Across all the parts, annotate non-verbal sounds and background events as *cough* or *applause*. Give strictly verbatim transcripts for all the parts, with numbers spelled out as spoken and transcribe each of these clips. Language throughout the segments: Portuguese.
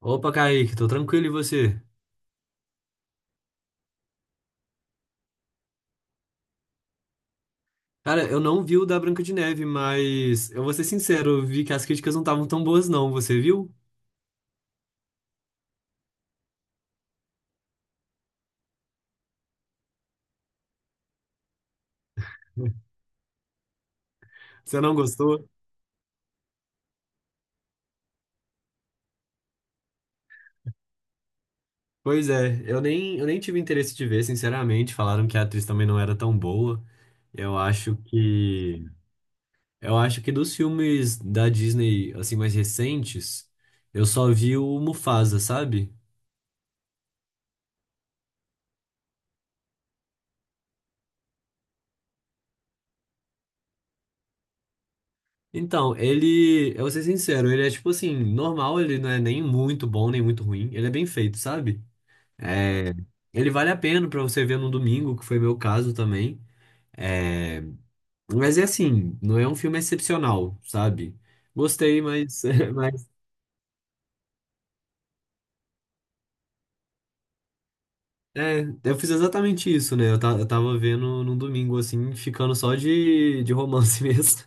Opa, Kaique, tô tranquilo e você? Cara, eu não vi o da Branca de Neve, mas eu vou ser sincero, eu vi que as críticas não estavam tão boas não, você viu? Você não gostou? Pois é, eu nem, eu nem tive interesse de ver, sinceramente, falaram que a atriz também não era tão boa. Eu acho que eu acho que dos filmes da Disney assim mais recentes, eu só vi o Mufasa, sabe? Então, ele, eu vou ser sincero, ele é tipo assim, normal, ele não é nem muito bom, nem muito ruim, ele é bem feito, sabe? É, ele vale a pena pra você ver no domingo, que foi meu caso também. É, mas é assim, não é um filme excepcional, sabe? Gostei, mas, *laughs* mas é, eu fiz exatamente isso, né? Eu, ta- eu tava vendo num domingo, assim, ficando só de, de romance *laughs* mesmo.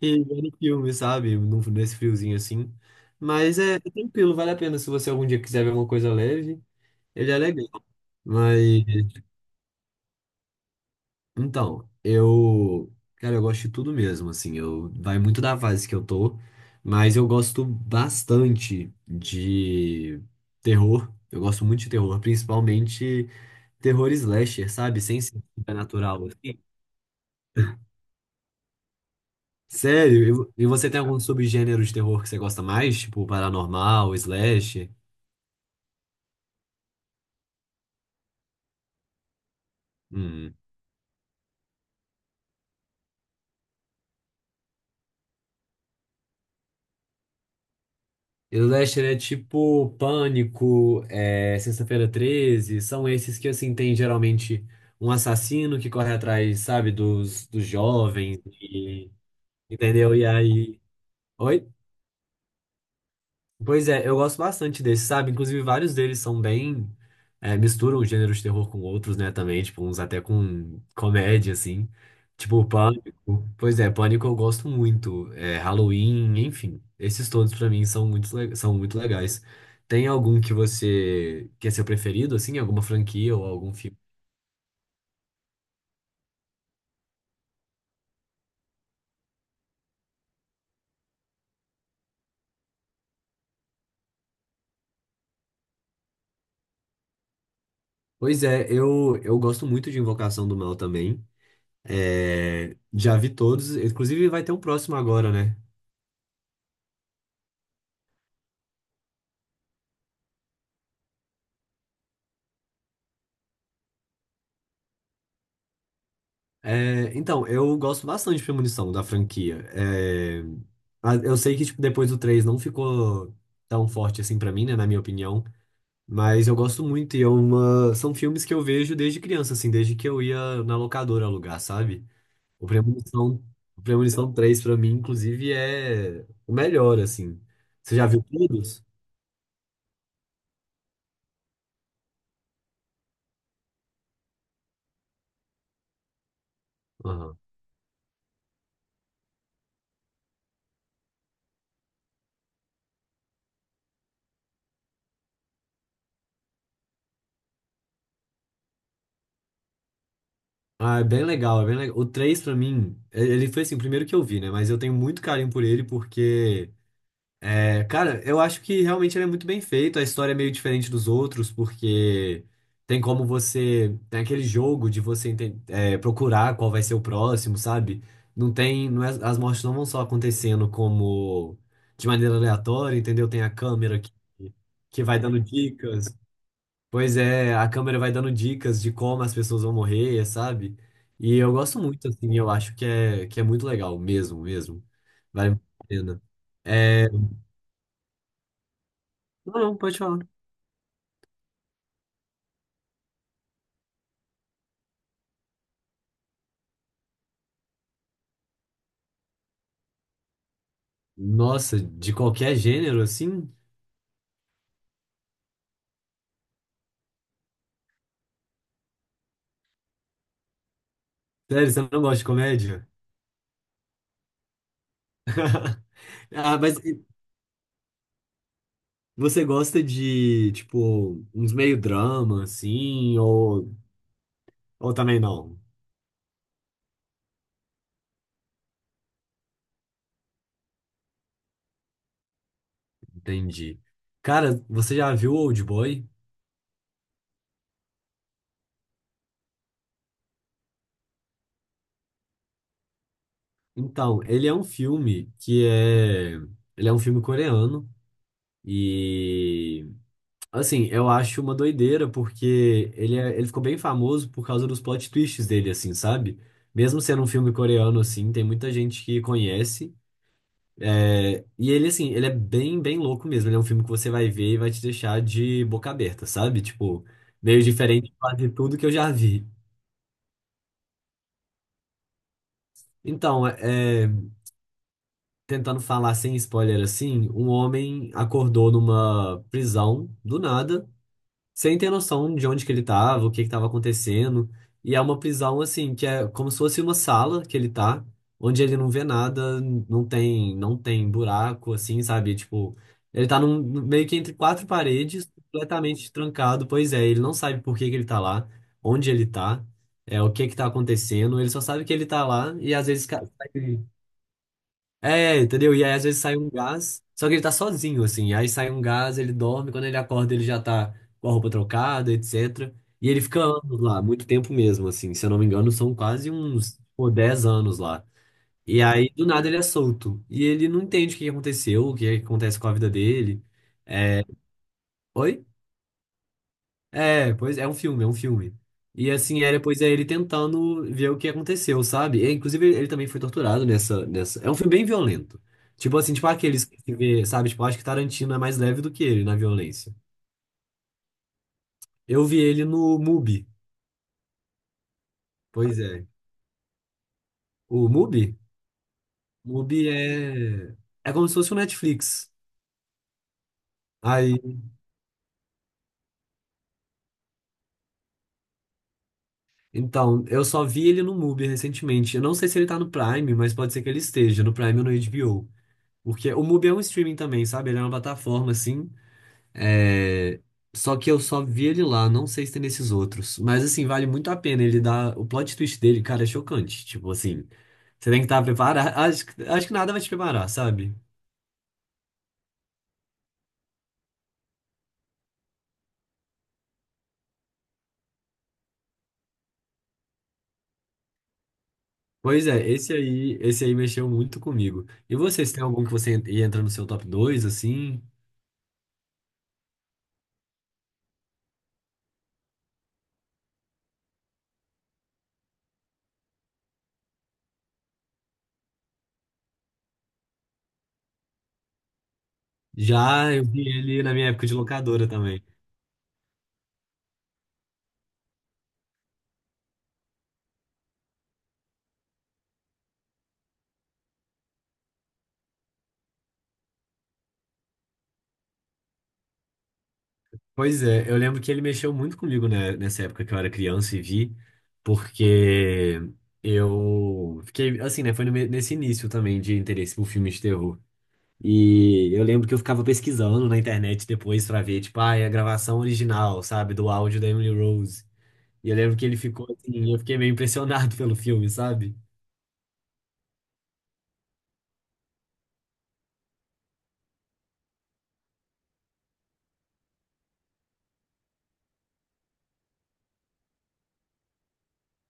E vendo filme, sabe? Num- Nesse friozinho assim. Mas é, é tranquilo, vale a pena. Se você algum dia quiser ver uma coisa leve, ele é legal. Mas então, eu, cara, eu gosto de tudo mesmo, assim, eu vai muito da fase que eu tô, mas eu gosto bastante de terror. Eu gosto muito de terror, principalmente terror slasher, sabe? Sem ser supernatural, assim. Sério? E e você tem algum subgênero de terror que você gosta mais? Tipo, paranormal, slasher? Hum. E o Slasher é tipo Pânico, é, Sexta-feira treze, são esses que, assim, tem geralmente um assassino que corre atrás, sabe, dos, dos jovens, e- entendeu? E aí... Oi? Pois é, eu gosto bastante desse, sabe? Inclusive, vários deles são bem. É, misturam gêneros de terror com outros, né? Também, tipo, uns até com comédia, assim. Tipo, Pânico. Pois é, Pânico eu gosto muito. É, Halloween, enfim. Esses todos, pra mim, são muito, le- são muito legais. Tem algum que você. Que é seu preferido, assim? Alguma franquia ou algum filme? Pois é, eu, eu gosto muito de Invocação do Mal também. É, já vi todos. Inclusive, vai ter um próximo agora, né? É, então, eu gosto bastante de Premonição, da franquia. É, a- eu sei que, tipo, depois do três não ficou tão forte assim pra mim, né, na minha opinião. Mas eu gosto muito e é uma... são filmes que eu vejo desde criança, assim, desde que eu ia na locadora alugar, sabe? O Premonição, o Premonição três pra mim, inclusive, é o melhor, assim. Você já viu todos? Aham. Ah, é bem legal, é bem legal. O três pra mim, ele foi assim, o primeiro que eu vi, né? Mas eu tenho muito carinho por ele porque. É, cara, eu acho que realmente ele é muito bem feito. A história é meio diferente dos outros, porque tem como você. Tem aquele jogo de você enten- é, procurar qual vai ser o próximo, sabe? Não tem. Não é- as mortes não vão só acontecendo como de maneira aleatória, entendeu? Tem a câmera que, que vai dando dicas. Pois é, a câmera vai dando dicas de como as pessoas vão morrer, sabe? E eu gosto muito, assim, eu acho que é, que é muito legal, mesmo, mesmo. Vale muito a pena. É... Não, não, pode falar. Nossa, de qualquer gênero, assim? Sério, você não gosta de comédia? *laughs* Ah, mas você gosta de, tipo, uns meio drama, assim, ou, ou também não? Entendi. Cara, você já viu Old Boy? Então, ele é um filme que é... Ele é um filme coreano e... Assim, eu acho uma doideira, porque ele, é- ele ficou bem famoso por causa dos plot twists dele, assim, sabe? Mesmo sendo um filme coreano, assim, tem muita gente que conhece. É, e ele, assim, ele é bem, bem louco mesmo. Ele é um filme que você vai ver e vai te deixar de boca aberta, sabe? Tipo, meio diferente de quase tudo que eu já vi. Então, é, é, tentando falar sem spoiler assim, um homem acordou numa prisão do nada. Sem ter noção de onde que ele tava, o que que tava acontecendo. E é uma prisão, assim, que é como se fosse uma sala que ele tá, onde ele não vê nada, não tem, não tem buraco, assim, sabe? Tipo, ele tá num, meio que entre quatro paredes, completamente trancado. Pois é, ele não sabe por que que ele tá lá, onde ele tá, é, o que que tá acontecendo. Ele só sabe que ele tá lá e às vezes ca- sai é, entendeu? E aí às vezes sai um gás, só que ele tá sozinho, assim. Aí sai um gás, ele dorme, quando ele acorda ele já tá com a roupa trocada, etcétera. E ele fica anos lá, muito tempo mesmo, assim. Se eu não me engano, são quase uns, pô, dez anos lá. E aí, do nada, ele é solto. E ele não entende o que que aconteceu, o que que acontece com a vida dele. Oi? É, pois é um filme, é um filme. E assim, é, depois é ele tentando ver o que aconteceu, sabe? E, inclusive, ele também foi torturado nessa, nessa. É um filme bem violento. Tipo assim, tipo aqueles que se vê, sabe? Tipo, acho que Tarantino é mais leve do que ele na violência. Eu vi ele no Mubi. Pois é. O Mubi? Mubi é. É como se fosse o Netflix. Aí, então, eu só vi ele no Mubi recentemente. Eu não sei se ele tá no Prime, mas pode ser que ele esteja no Prime ou no H B O. Porque o Mubi é um streaming também, sabe? Ele é uma plataforma, assim. É, só que eu só vi ele lá, não sei se tem nesses outros. Mas assim, vale muito a pena. Ele dá. O plot twist dele, cara, é chocante. Tipo assim, você tem que estar preparado. *laughs* Acho, que- acho que nada vai te preparar, sabe? Pois é, esse aí, esse aí mexeu muito comigo. E vocês, tem algum que você en- entra no seu top dois assim? Já eu vi ele na minha época de locadora também. Pois é, eu lembro que ele mexeu muito comigo, né, nessa época que eu era criança e vi, porque eu fiquei, assim, né, foi no me- nesse início também de interesse por filmes de terror. E eu lembro que eu ficava pesquisando na internet depois pra ver, tipo, ah, é a gravação original, sabe, do áudio da Emily Rose. E eu lembro que ele ficou assim, eu fiquei meio impressionado *laughs* pelo filme, sabe?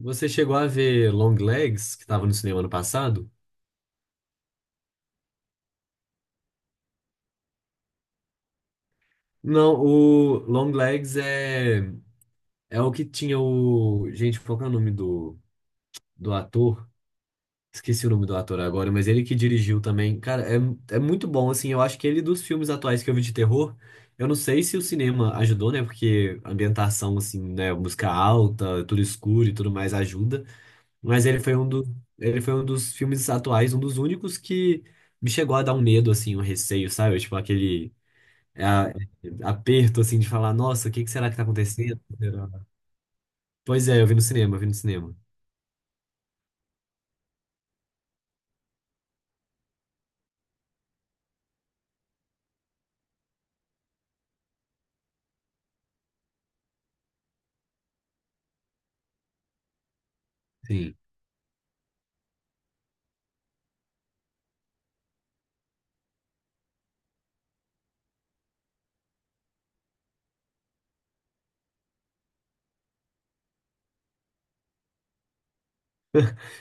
Você chegou a ver Long Legs, que tava no cinema ano passado? Não, o Long Legs é, é o que tinha o. Gente, qual que é o nome do. Do ator. Esqueci o nome do ator agora, mas ele que dirigiu também. Cara, é, é muito bom, assim. Eu acho que ele, dos filmes atuais que eu vi de terror, eu não sei se o cinema ajudou, né? Porque a ambientação, assim, né? Música alta, tudo escuro e tudo mais ajuda. Mas ele foi um do, ele foi um dos filmes atuais, um dos únicos que me chegou a dar um medo, assim, um receio, sabe? Tipo, aquele é a- é aperto, assim, de falar: nossa, o que que será que tá acontecendo? Pois é, eu vi no cinema, eu vi no cinema. Sim.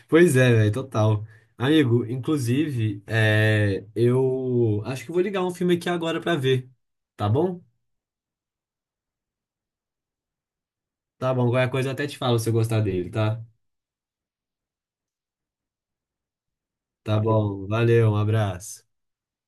Pois é, velho, total. Amigo, inclusive, é, eu acho que vou ligar um filme aqui agora pra ver, tá bom? Tá bom, qualquer coisa eu até te falo se eu gostar dele, tá? Tá. Tá bom, valeu, um abraço.